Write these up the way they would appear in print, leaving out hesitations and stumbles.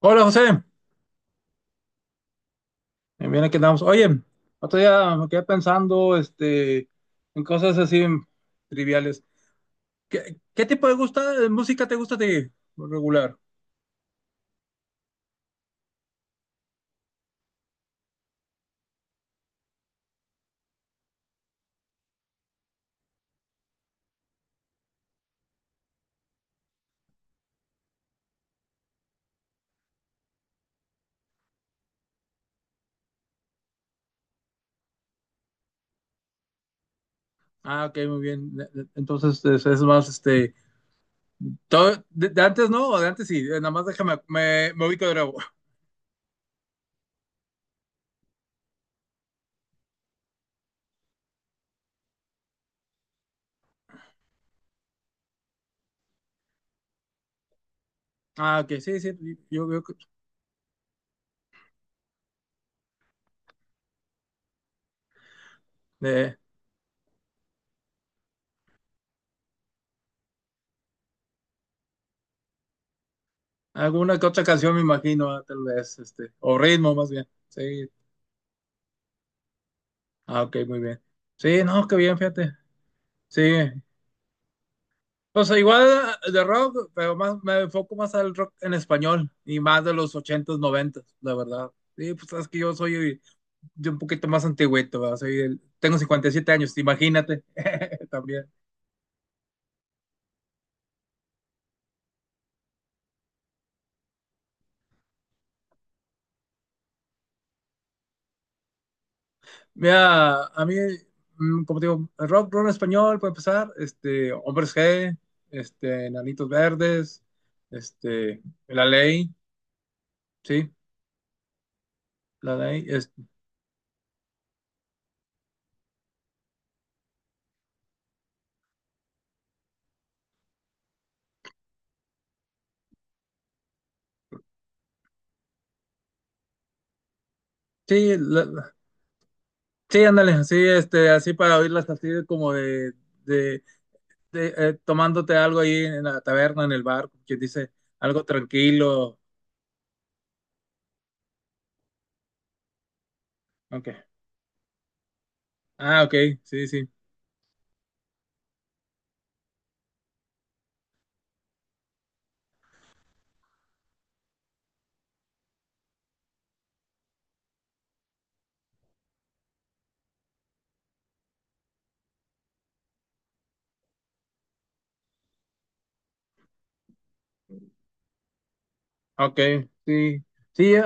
Hola José. Bien aquí andamos. Oye, otro día me quedé pensando en cosas así triviales. ¿Qué tipo de música te gusta a ti? Por Regular. Ah, ok, muy bien. Entonces es más, todo, de antes no, o de antes sí. Nada más déjame, me ubico de nuevo. Ah, ok, sí, yo veo que eh, alguna que otra canción me imagino. Ah, tal vez, o ritmo más bien. Sí, ah, ok, muy bien. Sí, no, qué bien, fíjate. Sí, o sea, igual de rock, pero más, me enfoco más al rock en español y más de los 80 noventas, la verdad. Sí, pues sabes que yo soy de un poquito más antigüito, ¿verdad? Tengo 57 años, imagínate, también. Mira, a mí, como te digo, rock en español, puede empezar, Hombres G, Enanitos Verdes, La Ley, sí, La Ley, es- sí, sí, ándale, sí, así para oírlas así como de, de de- eh, tomándote algo ahí en la taberna, en el bar, que dice algo tranquilo. Ok. Ah, ok, sí, sí. Ok, sí. Sí, eh,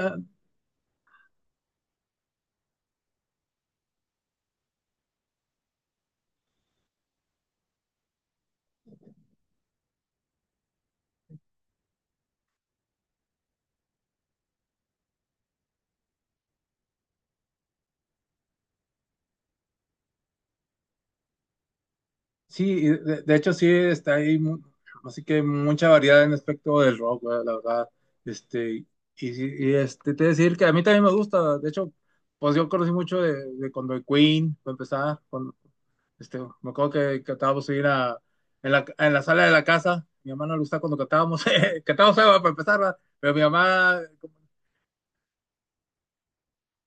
sí, y de hecho sí está ahí, así que mucha variedad en aspecto del rock, güey, la verdad. Este, y, sí, y, te voy a decir que a mí también me gusta. De hecho, pues yo conocí mucho de cuando el Queen, para empezar. Me acuerdo que cantábamos ir a, en la sala de la casa. Mi mamá no le gustaba cuando cantábamos, cantábamos algo para empezar, ¿verdad? Pero mi mamá, como,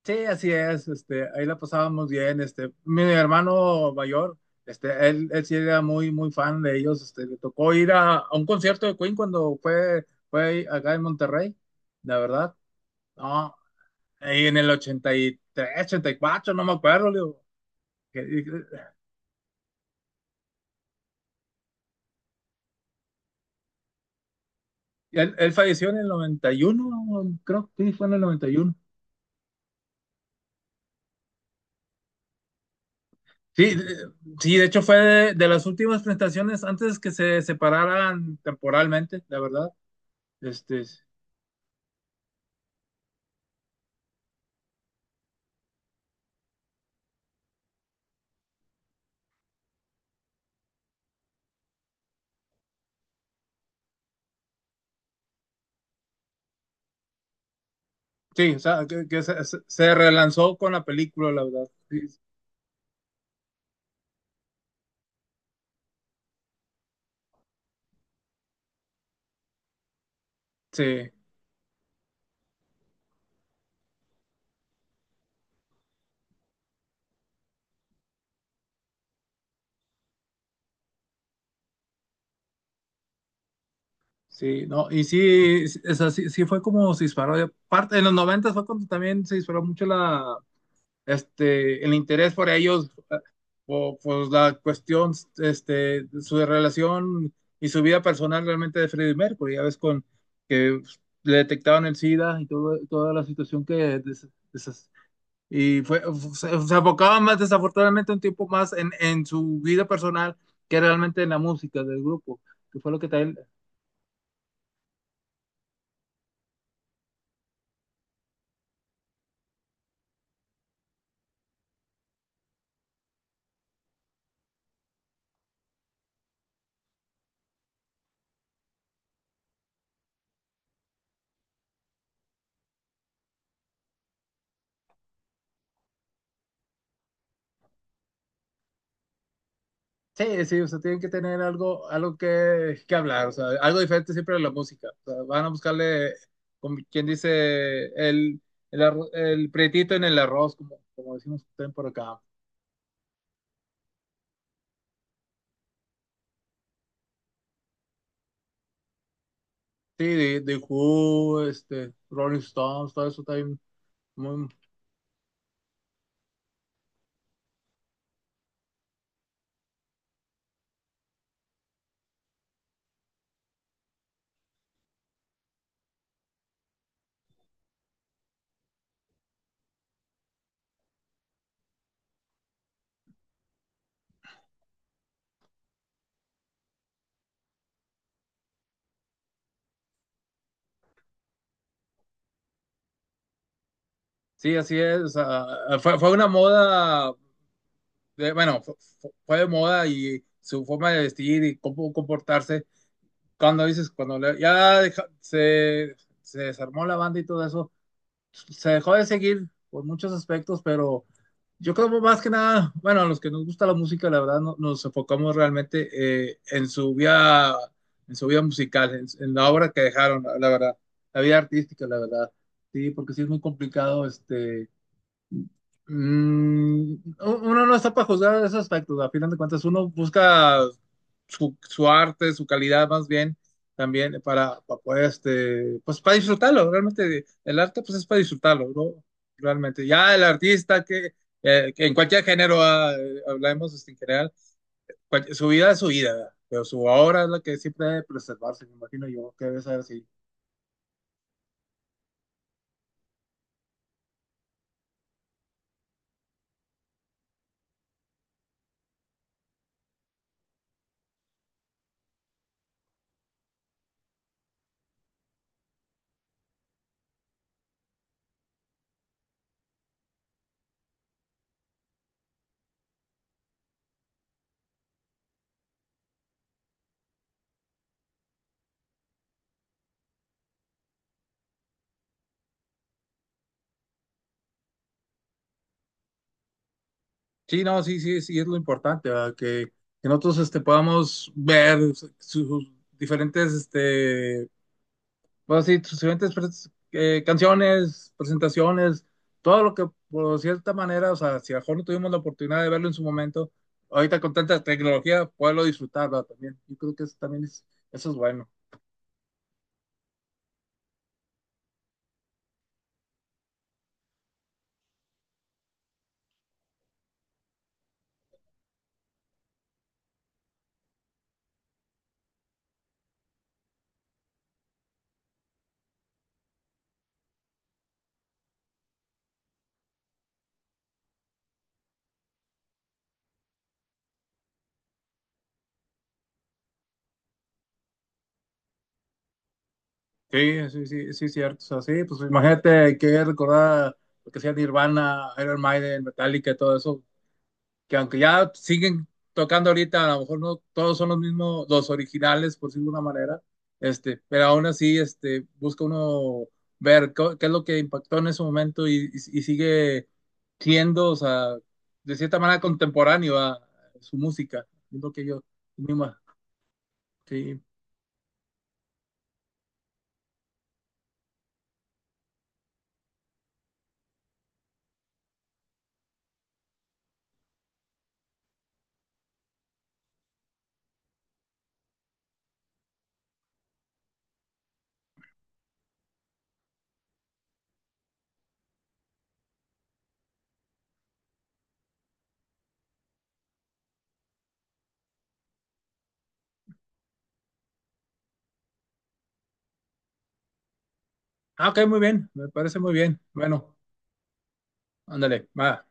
sí, así es. Ahí la pasábamos bien. Mi hermano mayor, él sí era muy fan de ellos. Le tocó ir a un concierto de Queen cuando fue acá en Monterrey, la verdad. No, ahí en el 80, 83, 84 no me acuerdo, le digo. Que- y- Él, él falleció en el 91, creo que sí, fue en el 91. Sí, eh, sí, de hecho fue de las últimas presentaciones antes que se separaran temporalmente, la verdad. Este, sí, o sea, que, que se relanzó con la película, la verdad. Sí, sí, sí, no, y sí, sí, o sea, sí, sí fue como se disparó. Y aparte, en los 90 fue cuando también se disparó mucho la, el interés por ellos, o pues la cuestión, su relación y su vida personal realmente de Freddie Mercury. Ya ves con que le detectaban el SIDA y todo, toda la situación que des, des, y fue, se enfocaba más desafortunadamente un tiempo más en su vida personal que realmente en la música del grupo, que fue lo que también. Sí, sí, o sea, tienen que tener algo, algo que hablar, o sea, algo diferente siempre de la música. O sea, van a buscarle, como quien dice, el, el prietito en el arroz, como, como decimos también por acá. Sí, de Who, Rolling Stones, todo eso también. muy- sí, así es, o sea, fue una moda, de- bueno, fue, fue de moda y su forma de vestir y cómo comportarse. Cuando dices, cuando le- ya deja- se desarmó la banda y todo eso se dejó de seguir por muchos aspectos. Pero yo creo más que nada, bueno, a los que nos gusta la música, la verdad, nos enfocamos realmente, en su vida musical, en la obra que dejaron, la verdad, la vida artística, la verdad. Sí, porque sí es muy complicado, uno no está para juzgar esos aspectos. A final de cuentas, uno busca su arte, su calidad más bien, también para poder, pues para disfrutarlo, realmente el arte pues es para disfrutarlo, ¿no? Realmente, ya el artista que en cualquier género hablemos en general, su vida es su vida, pero su obra es la que siempre debe preservarse, me imagino yo que debe ser así. Sí, no, sí, sí, sí, es lo importante, ¿verdad? Que nosotros podamos ver sus diferentes, sí, sus diferentes canciones, presentaciones, todo lo que por cierta manera, o sea, si a lo mejor no tuvimos la oportunidad de verlo en su momento, ahorita con tanta tecnología, poderlo disfrutar, ¿verdad? También, yo creo que eso también es, eso es bueno. Sí, sí, sí, sí, cierto, o sea, sí, pues imagínate que recordar lo que sea Nirvana, Iron Maiden, Metallica, todo eso, que aunque ya siguen tocando ahorita, a lo mejor no todos son los mismos, los originales, por decirlo de una manera, pero aún así, busca uno ver qué es lo que impactó en ese momento y sigue siendo, o sea, de cierta manera contemporáneo a su música, es lo que yo misma, sí. Ah, ok, muy bien, me parece muy bien. Bueno, ándale, va.